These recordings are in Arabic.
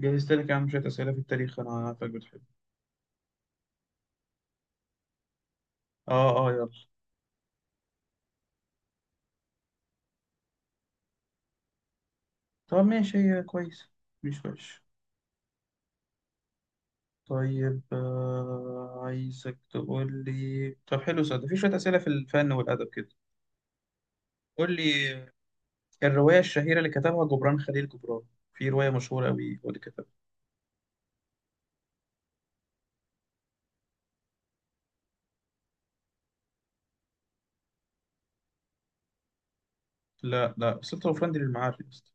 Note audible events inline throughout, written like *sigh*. جهزت لك يا عم شوية أسئلة في التاريخ، أنا عارفك بتحب. آه آه، يلا. طب ماشي، هي كويس، مش وحش. طيب آه، عايزك تقول لي. طب حلو صدق، في شوية أسئلة في الفن والأدب كده. قول لي الرواية الشهيرة اللي كتبها جبران خليل جبران، في رواية مشهورة أوي هو اللي كتبها. لا لا، سلطة وفندي للمعارف يا اسطى.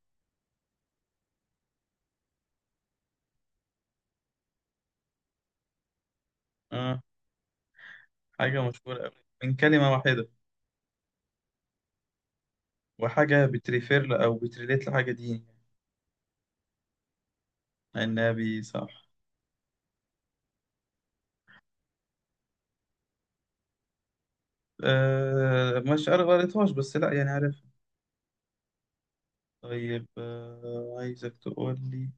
آه، حاجة مشهورة أوي من كلمة واحدة، وحاجة أو بتريليت لحاجة دي. النبي، صح. آه، مش قريتهاش بس لا، يعني عارف. طيب آه، عايزك تقول لي.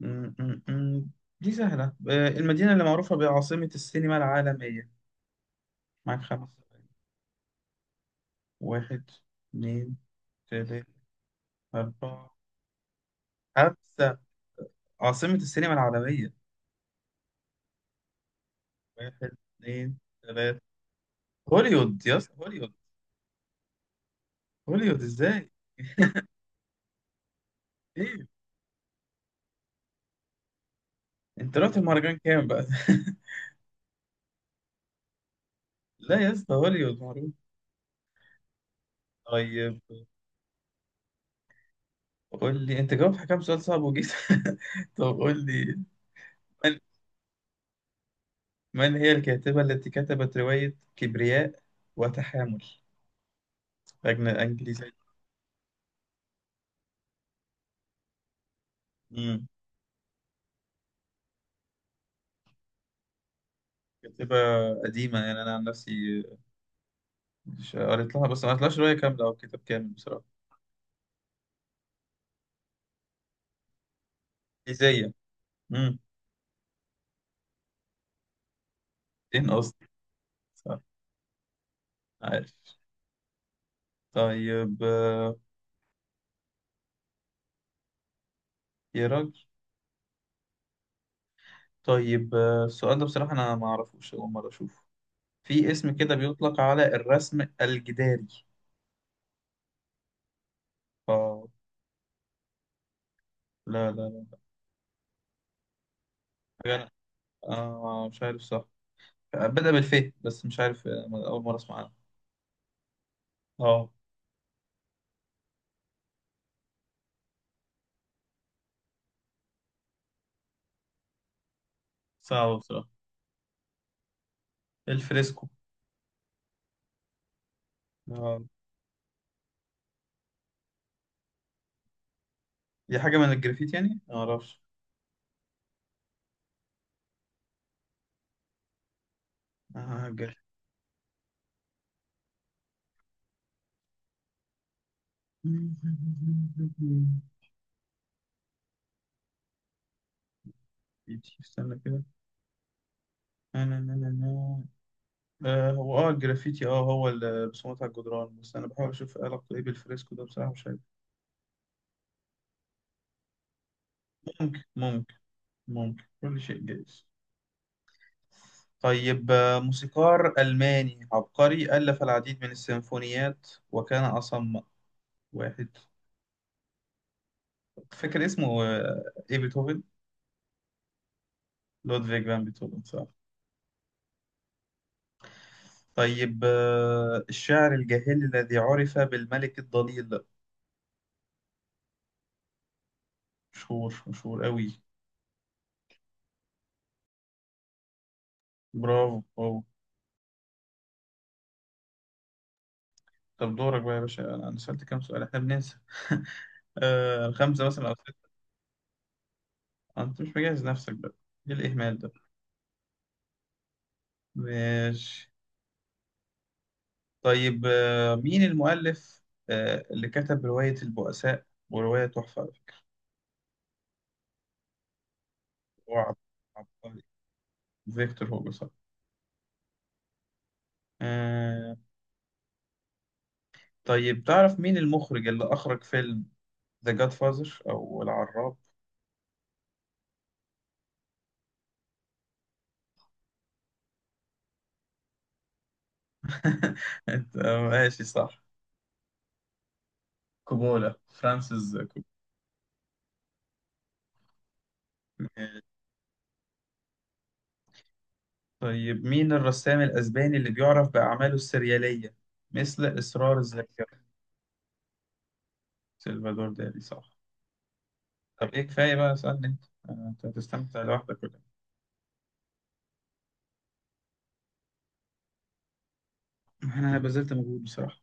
م- م- م. دي سهلة. آه، المدينة اللي معروفة بعاصمة السينما العالمية. معاك خمس ثواني. واحد، اتنين، تلاتة، أربعة، خمسة. عاصمة السينما العالمية. واحد، اتنين، تلاتة. هوليوود يا اسطى، هوليوود. هوليوود ازاي؟ ايه؟ انت رحت المهرجان كام بقى؟ *laughs* لا يا اسطى، هوليوود معروف. طيب قول لي، انت جاوبت على كام سؤال صعب وجيت؟ *laughs* طب قول لي، من هي الكاتبة التي كتبت رواية كبرياء وتحامل؟ أنجليزية. مم. كاتبة قديمة، يعني أنا عن نفسي مش قريت لها، بس ما قريتلهاش رواية كاملة أو كتاب كامل بصراحة. إنجليزية. مم. إن قصدي. صح، عارف. طيب آه، يا راجل. طيب آه، السؤال ده بصراحة أنا ما أعرفوش، أول مرة أشوفه. في اسم كده بيطلق على الرسم الجداري. آه، لا لا لا، حاجة أنا آه، مش عارف صح، بدأ بالف، بس مش عارف. آه، أول مرة أسمع عنه. آه، صعب بصراحة. الفريسكو. اه، دي حاجة من الجرافيت يعني؟ ما أعرفش. آه، جرافيت. *laughs* استنى كده. آه، نا- نا- نا- نا. آه، هو اه الجرافيتي اه هو الرسومات على الجدران، بس أنا بحاول أشوف إيه علاقته إيه بالفريسكو ده، بصراحة مش عارف. ممكن، ممكن. ممكن، كل شيء جايز. طيب آه، موسيقار ألماني عبقري ألف العديد من السيمفونيات وكان أصم. واحد. فاكر اسمه آه، إيه، بيتهوفن؟ لودفيج فان بيتهوفن، صح. طيب آه، الشاعر الجاهلي الذي عرف بالملك الضليل. مشهور، مشهور قوي. برافو، برافو. طب دورك بقى يا باشا، انا سألت كام سؤال، احنا بننسى. *laughs* آه، خمسة مثلا او ستة. انت مش مجهز نفسك بقى، ايه الاهمال ده؟ ماشي. طيب آه، مين المؤلف آه اللي كتب رواية البؤساء ورواية تحفة على فكرة؟ هو عب- عبقري. فيكتور هوجو، صح. آه. طيب تعرف مين المخرج اللي اخرج فيلم ذا جاد فازر او العراب؟ *laughs* أنت- ماشي صح. كوبولا، فرانسيس كوبولا. طيب مين الرسام الأسباني اللي بيعرف بأعماله السريالية مثل إصرار الذاكرة؟ سلفادور دالي، صح. طب إيه، كفاية بقى، اسألني أنت. آه، أنت هتستمتع لوحدك ولا إيه؟ أنا بذلت مجهود بصراحة.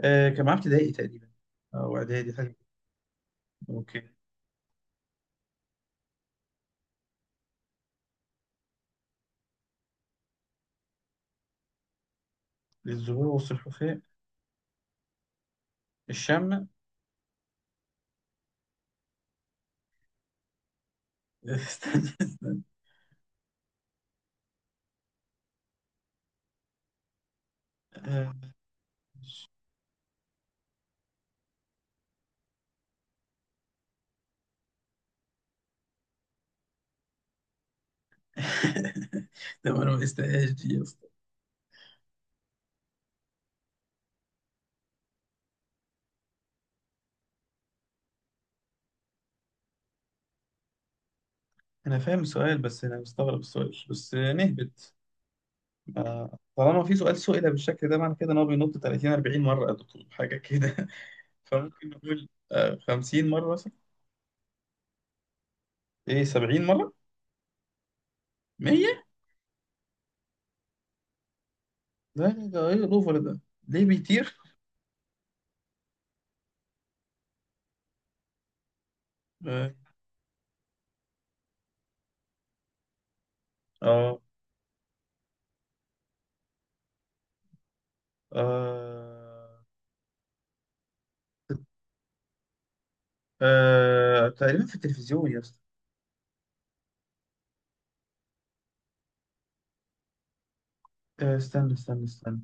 آه كان معاه ابتدائي تقريبا، أو إعدادي حاجة. أوكي. الزهور والسلحفاة. الشم. *laughs* استنى، استنى. آه، *laughs* ده ما أنا ما قستهاش دي. انا فاهم السؤال، بس انا مستغرب السؤال، بس نهبط. آه، طالما في سؤال سئل بالشكل ده، معنى كده ان هو بينط 30 40 مره يا دكتور، حاجه كده. *laughs* فممكن نقول آه، 50 مره مثلا. ايه، 70 مره. 100. ده ايه الاوفر ده؟ ليه بيطير؟ اه. اه آه، آه، تقريبا في التلفزيون يا اسطى. آه، استنى، استنى، استنى.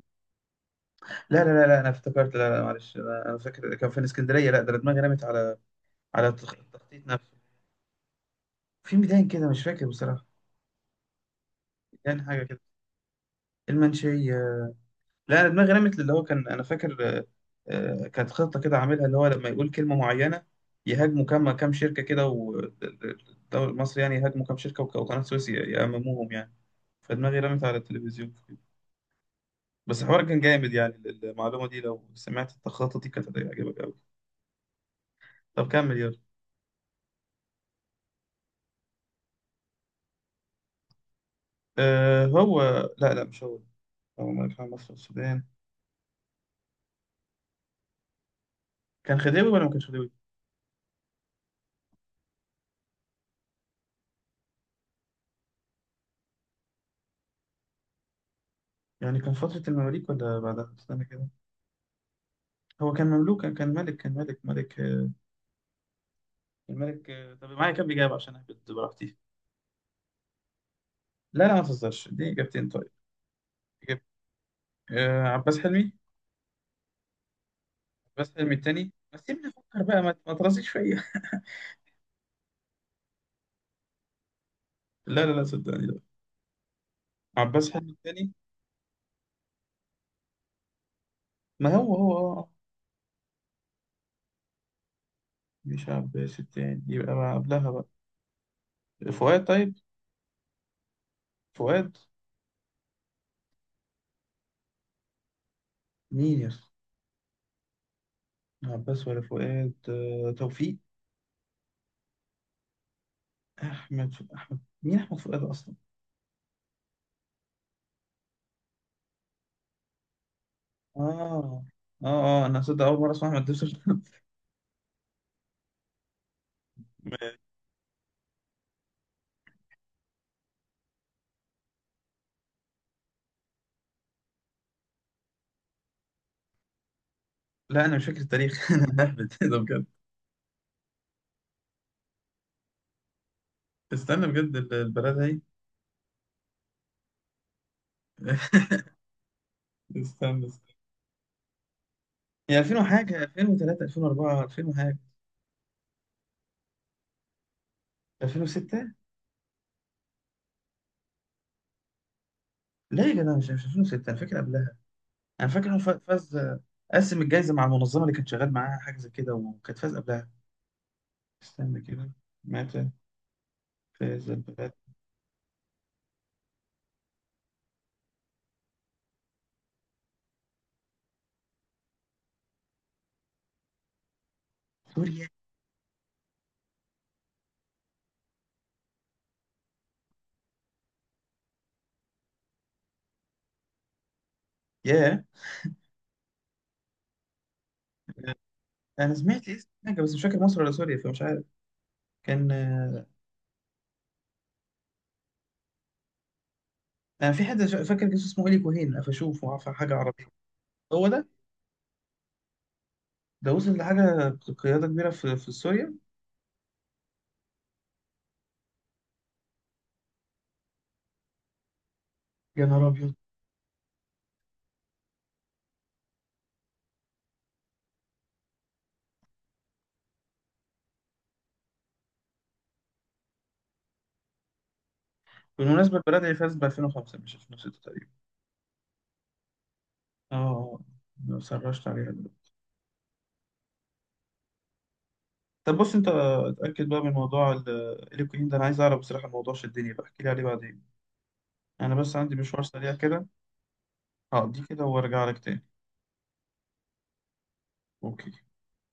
لا لا لا لا، انا افتكرت، لا لا، معلش انا، أنا فاكر كان في الاسكندريه، لا ده أنا دماغي رمت على التخطيط نفسه. في ميدان كده مش فاكر بصراحه، يعني حاجه كده. المنشيه. لا، دماغي رمت اللي هو كان انا فاكر آه، كانت خطه كده عاملها، اللي هو لما يقول كلمه معينه يهاجموا كام شركه كده، والدوري المصري يعني يهاجموا كام شركه، وقناه سويس يأمموهم يعني. فدماغي رمت على التلفزيون في كده. بس الحوار كان جامد يعني، المعلومه دي لو سمعت التخطيط دي كانت هتعجبك قوي. طب كمل يلا. أه هو. لا لا، مش هو. اللهم ارحم مصر والسودان. كان خديوي ولا ما كانش خديوي؟ يعني كان فترة المماليك ولا بعدها؟ استنى كده. هو كان مملوك، كان ملك، كان ملك، ملك آه، كان ملك آه، طب معايا كام إجابة عشان أهبط براحتي؟ لا لا، ما تهزرش، دي إجابتين طيب. إجابة. آه، عباس حلمي. عباس حلمي التاني، بس سيبني أفكر بقى، ما ترازيش فيا. *laughs* لا لا لا، صدقني لا. عباس حلمي التاني. ما هو هو آه آه. مش عباس التاني، يبقى بقى قبلها بقى. فؤاد، طيب. فؤاد. مين يا اسطى؟ عباس ولا فؤاد؟ آه توفيق. أحمد مين؟ أحمد فؤاد أصلا. آه، آه، آه، أنا صدق أول مرة أسمع أحمد دبسة. *laughs* لا انا مش فاكر التاريخ. *laughs* انا بهبت ده بجد. استنى بجد، البلد هي. *laughs* استنى، استنى. هي 2000 وحاجه، 2003، 2004، 2000 وحاجه. 2006. لا يا جدع، مش 2006، انا فاكر قبلها. انا فاكر انه فاز، قسم الجائزه مع المنظمه اللي كان شغال معاها حاجه زي كده، وكانت فاز قبلها. استنى كده. متى فاز البلد؟ سوريا. ياه. انا سمعت اسم حاجه بس مش فاكر مصر ولا سوريا، فمش عارف. كان آه، انا في حد فاكر اسمه الي كوهين، فاشوفه حاجه عربيه. هو ده. ده وصل لحاجة، قيادة كبيرة في سوريا. يا نهار أبيض. بالمناسبة البلد هي فاز ب 2005 مش 2006 تقريبا. اه، ما سرشت عليها دلوقتي. طب بص، انت اتأكد بقى من موضوع الإيكوين ده، انا عايز اعرف بصراحة، الموضوع شدني بقى، احكي لي عليه بعدين. انا بس عندي مشوار سريع كده، هقضيه كده وارجع لك تاني. اوكي.